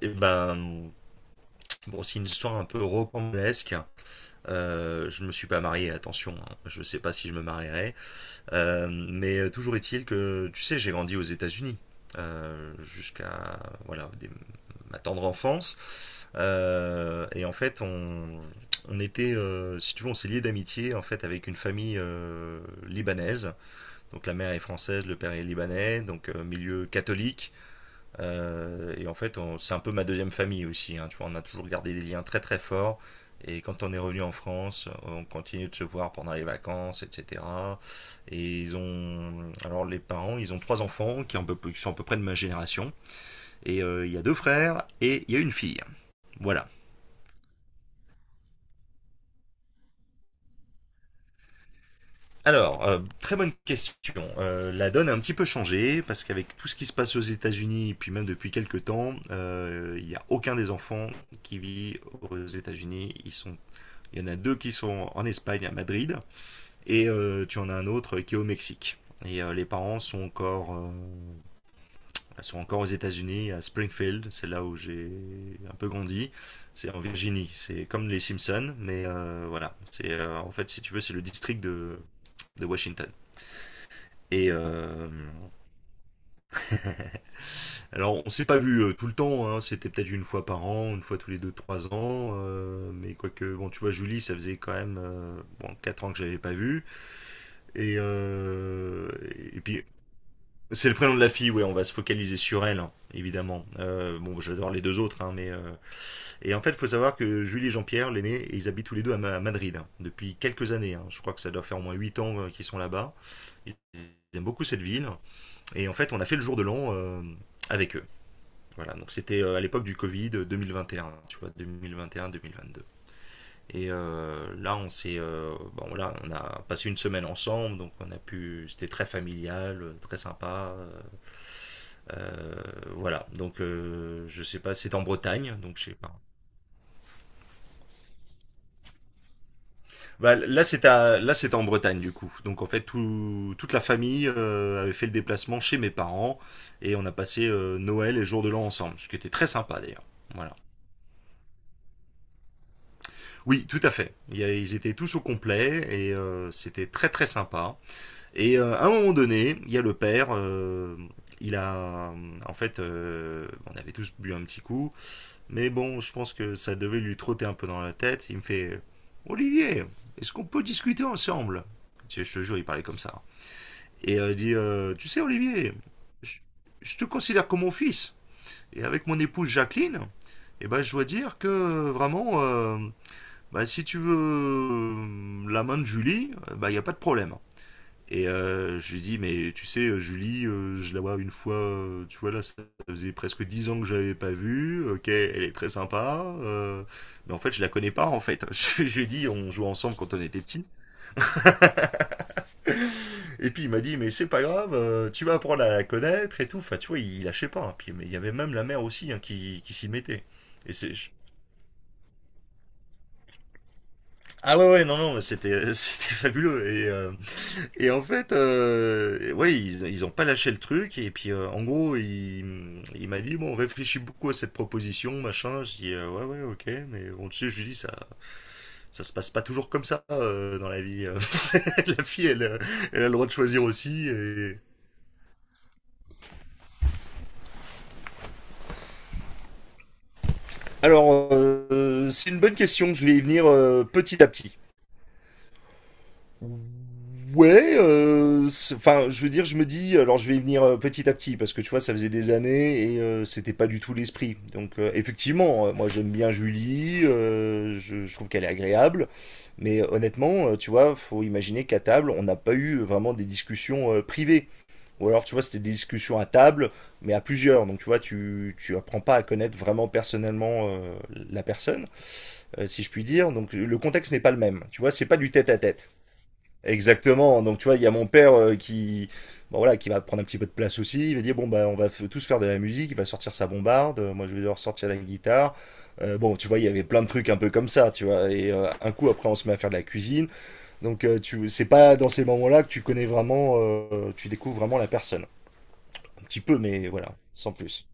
Et ben, bon, c'est une histoire un peu rocambolesque. Je me suis pas marié, attention, hein. Je sais pas si je me marierai. Mais toujours est-il que, tu sais, j'ai grandi aux États-Unis jusqu'à voilà des- ma tendre enfance. Et en fait, on était, si tu veux, on s'est lié d'amitié en fait avec une famille libanaise. Donc la mère est française, le père est libanais, donc milieu catholique. Et en fait, c'est un peu ma deuxième famille aussi, hein, tu vois, on a toujours gardé des liens très très forts. Et quand on est revenu en France, on continue de se voir pendant les vacances, etc. Et ils ont, alors les parents, ils ont trois enfants qui sont à peu près de ma génération. Et il y a deux frères et il y a une fille. Voilà. Alors, très bonne question. La donne a un petit peu changé parce qu'avec tout ce qui se passe aux États-Unis, et puis même depuis quelques temps, il n'y a aucun des enfants qui vit aux États-Unis. Ils sont Il y en a deux qui sont en Espagne, à Madrid, et tu en as un autre qui est au Mexique. Et les parents sont encore aux États-Unis, à Springfield, c'est là où j'ai un peu grandi. C'est en Virginie, c'est comme les Simpsons, mais voilà. C'est en fait, si tu veux, c'est le district de Washington. Et alors, on s'est pas vu tout le temps, hein, c'était peut-être une fois par an, une fois tous les 2, 3 ans, mais quoique, bon, tu vois, Julie, ça faisait quand même bon, 4 ans que je l'avais pas vue. Et, euh, et puis, c'est le prénom de la fille, ouais, on va se focaliser sur elle, hein, évidemment. Bon, j'adore les deux autres, hein, mais. Et en fait, il faut savoir que Julie et Jean-Pierre, l'aîné, ils habitent tous les deux à Madrid, hein, depuis quelques années, hein. Je crois que ça doit faire au moins 8 ans qu'ils sont là-bas. Ils aiment beaucoup cette ville. Et en fait, on a fait le jour de l'an avec eux. Voilà, donc c'était à l'époque du Covid, 2021, tu vois, 2021-2022. Et là, bon, voilà, on a passé une semaine ensemble, donc on a pu, c'était très familial, très sympa, euh, voilà. Donc, je sais pas, c'est en Bretagne, donc je sais pas. Bah, là, c'est en Bretagne du coup. Donc, en fait, toute la famille avait fait le déplacement chez mes parents et on a passé Noël et Jour de l'An ensemble, ce qui était très sympa d'ailleurs. Voilà. Oui, tout à fait. Ils étaient tous au complet et c'était très très sympa. Et à un moment donné, il y a le père, il a... en fait, on avait tous bu un petit coup, mais bon, je pense que ça devait lui trotter un peu dans la tête. Il me fait «Olivier, est-ce qu'on peut discuter ensemble?» Tu sais, je te jure, il parlait comme ça. Et il dit tu sais, Olivier, je, je te considère comme mon fils. Et avec mon épouse Jacqueline, eh ben, je dois dire que vraiment, bah, si tu veux la main de Julie, il bah, n'y a pas de problème. Et je lui dis, mais tu sais, Julie, je la vois une fois, tu vois, là, ça faisait presque 10 ans que je l'avais pas vue, ok, elle est très sympa, mais en fait, je la connais pas, en fait. Je lui ai dit, on jouait ensemble quand on était petits. Et puis, il m'a dit, mais c'est pas grave, tu vas apprendre à la connaître et tout. Enfin, tu vois, il lâchait pas, hein. Puis, mais il y avait même la mère aussi, hein, qui s'y mettait. Et c'est... Ah ouais, ouais, non, non, mais c'était, c'était fabuleux. Et en fait, ouais, ils ont pas lâché le truc. Et puis, en gros, il m'a dit, bon, réfléchis beaucoup à cette proposition, machin. Je dis, ouais, ouais, ok. Mais bon, tu sais, je lui dis, ça se passe pas toujours comme ça dans la vie. La fille, elle a le droit de choisir aussi. Alors, c'est une bonne question. Je vais y venir petit à petit. Enfin, je veux dire, je me dis, alors je vais y venir petit à petit, parce que tu vois, ça faisait des années et c'était pas du tout l'esprit. Donc, effectivement, moi j'aime bien Julie, je trouve qu'elle est agréable, mais honnêtement, tu vois, faut imaginer qu'à table, on n'a pas eu vraiment des discussions privées. Ou alors, tu vois, c'était des discussions à table, mais à plusieurs. Donc, tu vois, tu apprends pas à connaître vraiment personnellement la personne, si je puis dire. Donc, le contexte n'est pas le même. Tu vois, c'est pas du tête-à-tête. Exactement. Donc tu vois, il y a mon père qui, bon, voilà, qui va prendre un petit peu de place aussi. Il va dire bon bah on va tous faire de la musique. Il va sortir sa bombarde. Moi je vais devoir sortir la guitare. Bon tu vois, il y avait plein de trucs un peu comme ça, tu vois. Et un coup après on se met à faire de la cuisine. Donc c'est pas dans ces moments-là que tu connais vraiment, tu découvres vraiment la personne. Un petit peu, mais voilà, sans plus.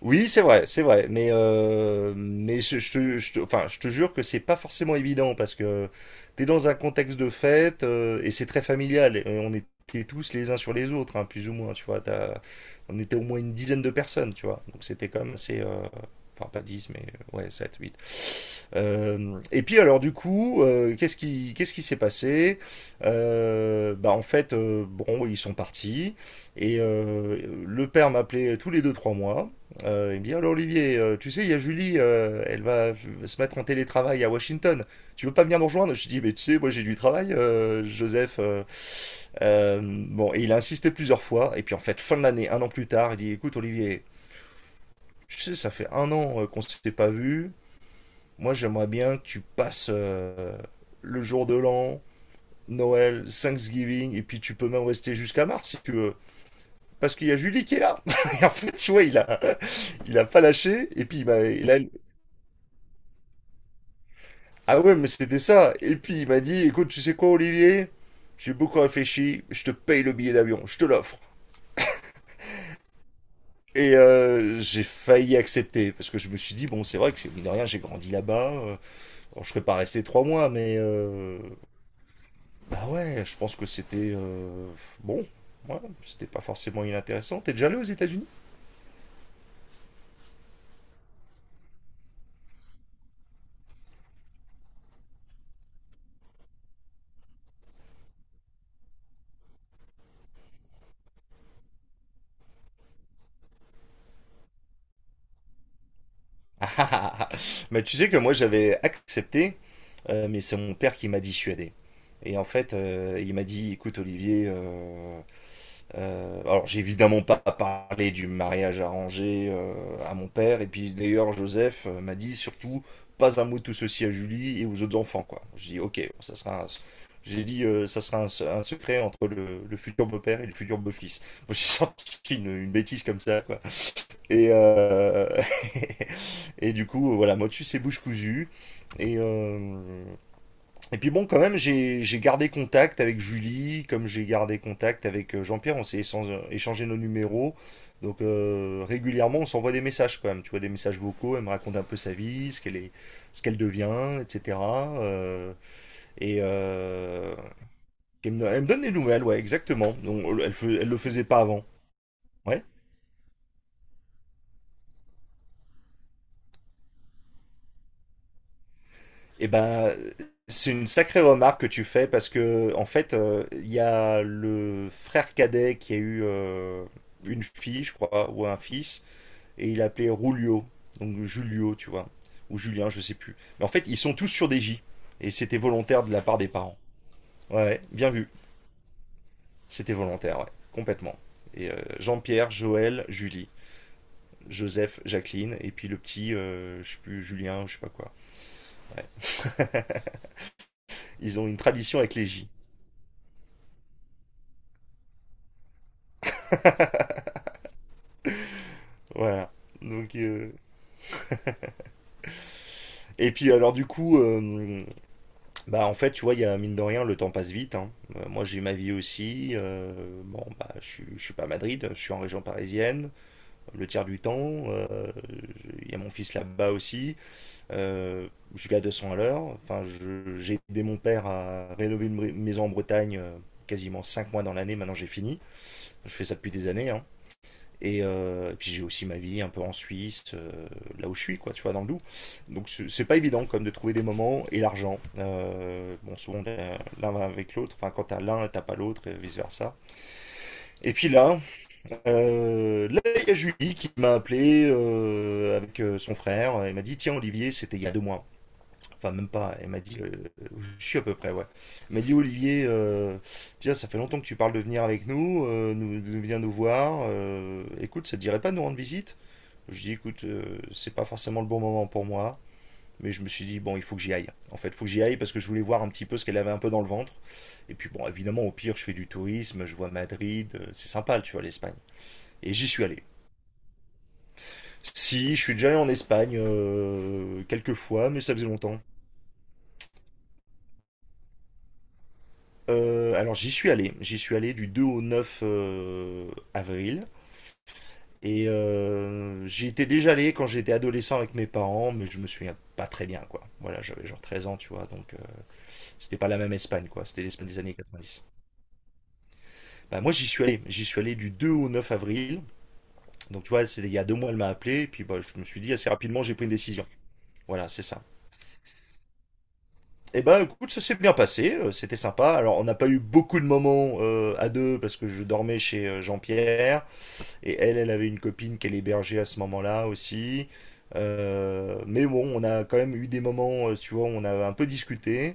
Oui, c'est vrai, c'est vrai. Mais enfin, je te jure que c'est pas forcément évident parce que t'es dans un contexte de fête et c'est très familial. Et on était tous les uns sur les autres, hein, plus ou moins. Tu vois, on était au moins une dizaine de personnes, tu vois. Donc c'était quand même assez, enfin pas dix, mais ouais, sept, huit. Et puis alors du coup, qu'est-ce qui s'est passé? Bah en fait, bon, ils sont partis et le père m'appelait tous les 2, 3 mois. Il me dit alors Olivier, tu sais, il y a Julie, elle va se mettre en télétravail à Washington. Tu veux pas venir nous rejoindre? Je dis mais tu sais, moi j'ai du travail, Joseph. Euh, bon, et il a insisté plusieurs fois. Et puis en fait, fin de l'année, un an plus tard, il dit écoute Olivier, tu sais, ça fait un an qu'on s'était pas vu. Moi, j'aimerais bien que tu passes le jour de l'an, Noël, Thanksgiving, et puis tu peux même rester jusqu'à mars si tu veux. Parce qu'il y a Julie qui est là. Et en fait, tu vois, il a pas lâché. Et puis, il m'a, il a- ah ouais, mais c'était ça. Et puis, il m'a dit, écoute, tu sais quoi, Olivier? J'ai beaucoup réfléchi. Je te paye le billet d'avion. Je te l'offre. Et j'ai failli accepter parce que je me suis dit bon c'est vrai que mine de rien j'ai grandi là-bas, bon, je serais pas resté 3 mois mais Bah ouais, je pense que c'était bon. Ouais, c'était pas forcément inintéressant. T'es déjà allé aux États-Unis? Ah ah ah ah. Bah, tu sais que moi j'avais accepté, mais c'est mon père qui m'a dissuadé. Et en fait, il m'a dit, écoute Olivier, alors, j'ai évidemment pas parlé du mariage arrangé à mon père. Et puis, d'ailleurs, Joseph m'a dit surtout pas un mot de tout ceci à Julie et aux autres enfants, quoi. J'ai dit, ok, bon, ça sera un. J'ai dit, ça sera un secret entre le futur beau-père et le futur beau-fils. Moi, j'ai sorti une bêtise comme ça, quoi. Et, euh, et du coup, voilà, Motus, c'est bouche cousue. Et, euh, et puis bon, quand même, j'ai gardé contact avec Julie, comme j'ai gardé contact avec Jean-Pierre, on s'est échangé nos numéros. Donc régulièrement, on s'envoie des messages quand même, tu vois, des messages vocaux, elle me raconte un peu sa vie, ce qu'elle est, ce qu'elle devient, etc. Euh, et euh, elle me donne des nouvelles, ouais, exactement. Donc, elle, elle le faisait pas avant. Ouais. Eh ben, c'est une sacrée remarque que tu fais parce que, en fait, il y a le frère cadet qui a eu une fille, je crois, ou un fils, et il l'appelait Rulio, donc Julio, tu vois, ou Julien, je sais plus. Mais en fait, ils sont tous sur des J, et c'était volontaire de la part des parents. Ouais, ouais, bien vu, c'était volontaire, ouais, complètement. Et Jean-Pierre, Joël, Julie, Joseph, Jacqueline, et puis le petit, je sais plus, Julien, je sais pas quoi. Ouais. Ils ont une tradition avec les J. Voilà. Donc, et puis alors du coup, bah en fait tu vois, il y a mine de rien, le temps passe vite, hein. Moi, j'ai ma vie aussi. Bon bah je suis pas à Madrid, je suis en région parisienne. Le tiers du temps, il y a mon fils là-bas aussi. Euh, je vais à 200 à l'heure. Enfin, j'ai aidé mon père à rénover une maison en Bretagne, quasiment 5 mois dans l'année, maintenant j'ai fini. Je fais ça depuis des années, hein. Et puis j'ai aussi ma vie un peu en Suisse, là où je suis, quoi, tu vois, dans le Doubs. Donc c'est pas évident comme de trouver des moments et l'argent. Bon, souvent l'un va avec l'autre. Enfin, quand t'as l'un, t'as pas l'autre, et vice versa. Et puis là il y a Julie qui m'a appelé avec son frère. Elle m'a dit tiens Olivier, c'était il y a 2 mois. Enfin même pas. Elle m'a dit je suis à peu près, ouais. Elle m'a dit Olivier, tiens, ça fait longtemps que tu parles de venir avec nous, nous de venir nous voir. Écoute, ça te dirait pas de nous rendre visite? Je dis, écoute, c'est pas forcément le bon moment pour moi, mais je me suis dit, bon, il faut que j'y aille. En fait, il faut que j'y aille parce que je voulais voir un petit peu ce qu'elle avait un peu dans le ventre. Et puis, bon, évidemment, au pire, je fais du tourisme, je vois Madrid, c'est sympa, tu vois, l'Espagne. Et j'y suis allé. Si, je suis déjà allé en Espagne quelques fois, mais ça faisait longtemps. Alors, j'y suis allé. J'y suis allé du 2 au 9 avril. Et j'y étais déjà allé quand j'étais adolescent avec mes parents, mais je me souviens pas très bien, quoi. Voilà, j'avais genre 13 ans, tu vois, donc, c'était pas la même Espagne, quoi. C'était l'Espagne des années 90. Bah, moi, j'y suis allé. J'y suis allé du 2 au 9 avril. Donc, tu vois, il y a 2 mois, elle m'a appelé. Et puis, bah, je me suis dit, assez rapidement, j'ai pris une décision. Voilà, c'est ça. Et ben, écoute, ça s'est bien passé. C'était sympa. Alors, on n'a pas eu beaucoup de moments à deux parce que je dormais chez Jean-Pierre. Et elle, elle avait une copine qu'elle hébergeait à ce moment-là aussi. Mais bon, on a quand même eu des moments, tu vois, où on a un peu discuté.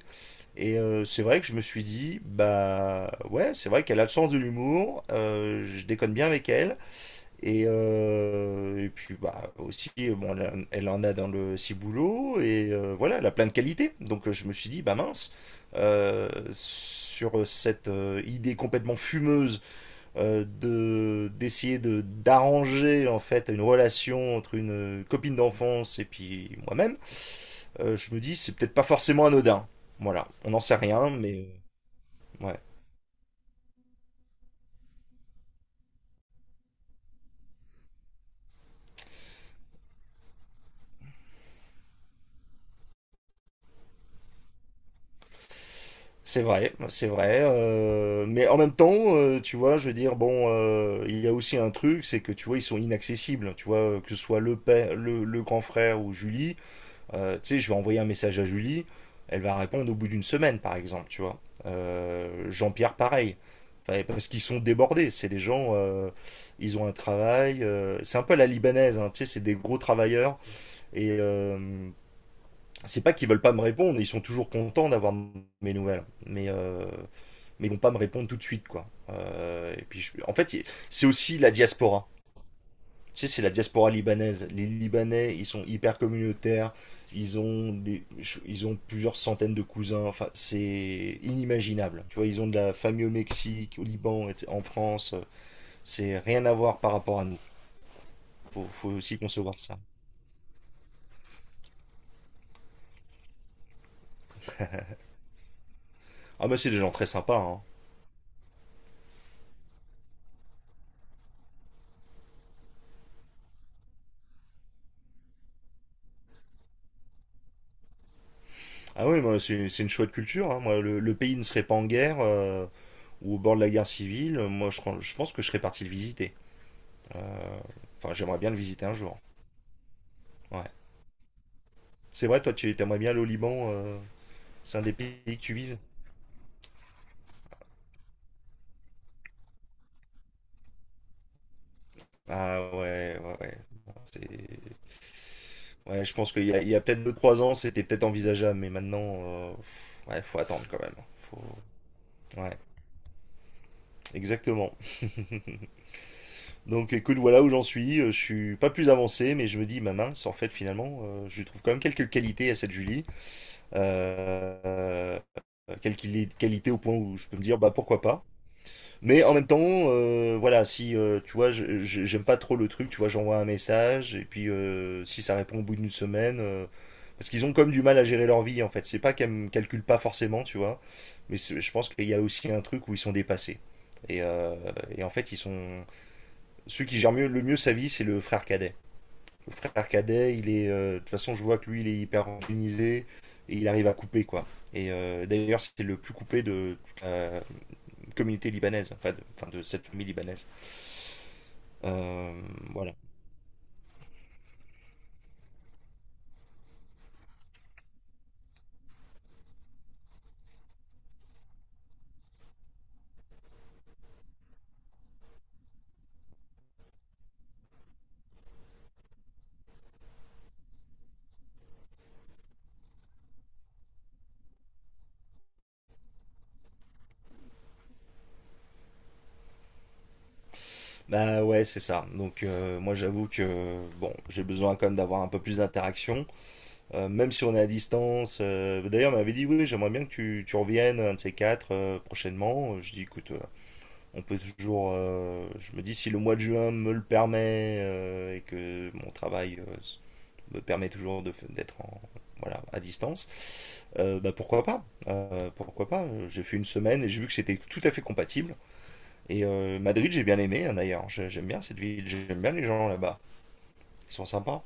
Et c'est vrai que je me suis dit, bah ouais, c'est vrai qu'elle a le sens de l'humour, je déconne bien avec elle. Et puis bah aussi, bon, elle, elle en a dans le ciboulot, et voilà, elle a plein de qualités. Donc je me suis dit, bah mince, sur cette idée complètement fumeuse de d'essayer de d'arranger en fait une relation entre une copine d'enfance et puis moi-même, je me dis, c'est peut-être pas forcément anodin. Voilà, on n'en sait rien, mais. Ouais. C'est vrai, c'est vrai. Mais en même temps, tu vois, je veux dire, bon, il y a aussi un truc, c'est que tu vois, ils sont inaccessibles. Tu vois, que ce soit le père, le grand frère ou Julie, tu sais, je vais envoyer un message à Julie, elle va répondre au bout d'une semaine, par exemple, tu vois. Jean-Pierre, pareil. Enfin, parce qu'ils sont débordés. C'est des gens, ils ont un travail. C'est un peu à la libanaise, hein, tu sais, c'est des gros travailleurs. Et enfin, c'est pas qu'ils veulent pas me répondre, ils sont toujours contents d'avoir mes nouvelles, mais ils vont pas me répondre tout de suite, quoi. Et puis en fait, c'est aussi la diaspora. Tu sais, c'est la diaspora libanaise. Les Libanais, ils sont hyper communautaires. Ils ont des, ils ont plusieurs centaines de cousins. Enfin, c'est inimaginable. Tu vois, ils ont de la famille au Mexique, au Liban, et- cetera, en France. C'est rien à voir par rapport à nous. Faut aussi concevoir ça. Ah, mais c'est des gens très sympas, hein. Ah oui, moi, c'est une chouette culture, hein. Moi, le pays ne serait pas en guerre ou au bord de la guerre civile. Moi, je pense que je serais parti le visiter. Enfin, j'aimerais bien le visiter un jour. Ouais. C'est vrai, toi, tu aimerais bien le Liban, c'est un des pays que tu vises. Ah ouais, ouais, ouais. Bon, ouais, je pense qu'il y a peut-être deux, trois ans, c'était peut-être envisageable, mais maintenant, ouais, faut attendre quand même. Faut- Ouais, exactement. Donc écoute, voilà où j'en suis. Je suis pas plus avancé, mais je me dis, ma mince, en fait, finalement, je lui trouve quand même quelques qualités à cette Julie, quelques qualité au point où je peux me dire, bah pourquoi pas. Mais en même temps, voilà, si tu vois, j'aime pas trop le truc, tu vois, j'envoie un message et puis si ça répond au bout d'une semaine, parce qu'ils ont comme du mal à gérer leur vie en fait, c'est pas qu'elles me calculent pas forcément, tu vois, mais je pense qu'il y a aussi un truc où ils sont dépassés, et, euh, et en fait ils sont ceux qui gèrent le mieux sa vie, c'est le frère cadet. Le frère cadet, il est, de toute façon, je vois que lui, il est hyper organisé, et il arrive à couper, quoi. Et d'ailleurs, c'est le plus coupé de toute la communauté libanaise, enfin, de cette famille libanaise. Euh, voilà. Bah ouais, c'est ça. Donc moi, j'avoue que bon, j'ai besoin quand même d'avoir un peu plus d'interaction, même si on est à distance. D'ailleurs, on m'avait dit oui, j'aimerais bien que tu reviennes un de ces quatre, prochainement. Je dis, écoute, on peut toujours. Je me dis, si le mois de juin me le permet et que mon travail me permet toujours de d'être voilà, à distance, bah pourquoi pas? Pourquoi pas? J'ai fait une semaine et j'ai vu que c'était tout à fait compatible. Et Madrid, j'ai bien aimé, hein, d'ailleurs. J'aime bien cette ville, j'aime bien les gens là-bas. Ils sont sympas.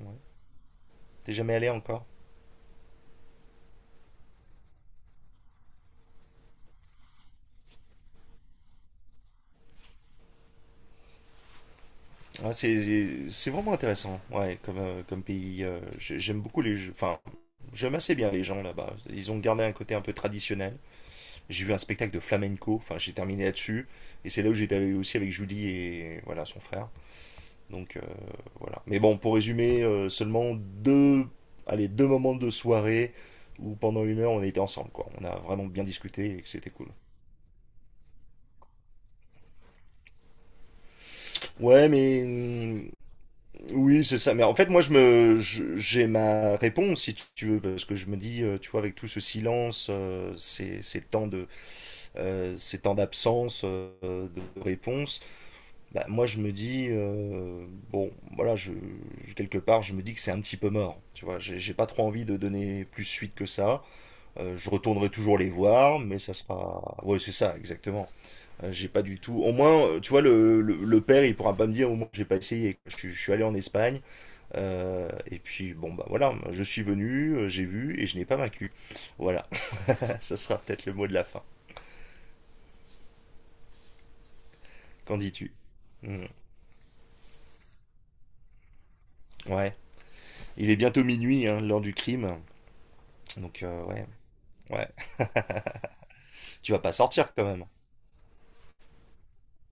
Ouais. T'es jamais allé encore? Ah, c'est vraiment intéressant, ouais, comme pays. J'aime beaucoup les. Enfin, j'aime assez bien les gens là-bas. Ils ont gardé un côté un peu traditionnel. J'ai vu un spectacle de flamenco, enfin j'ai terminé là-dessus, et c'est là où j'étais aussi avec Julie et voilà son frère. Donc voilà. Mais bon, pour résumer, seulement deux, allez, deux moments de soirée où pendant une heure on était ensemble, quoi. On a vraiment bien discuté et que c'était cool. Ouais, mais oui, c'est ça. Mais en fait, moi, j'ai ma réponse si tu veux, parce que je me dis, tu vois, avec tout ce silence, ces temps de, ces temps d'absence, de réponse. Bah, moi je me dis, bon voilà, quelque part je me dis que c'est un petit peu mort, tu vois, j'ai pas trop envie de donner plus suite que ça. Je retournerai toujours les voir, mais ça sera, ouais, c'est ça, exactement. J'ai pas du tout, au moins tu vois, le père, il pourra pas me dire, au moins j'ai pas essayé, je suis allé en Espagne, et puis bon bah voilà, je suis venu, j'ai vu et je n'ai pas vaincu. Voilà. Ça sera peut-être le mot de la fin, qu'en dis-tu? Hmm. Ouais, il est bientôt minuit, hein, l'heure du crime. Donc ouais. Ouais. Tu vas pas sortir quand même.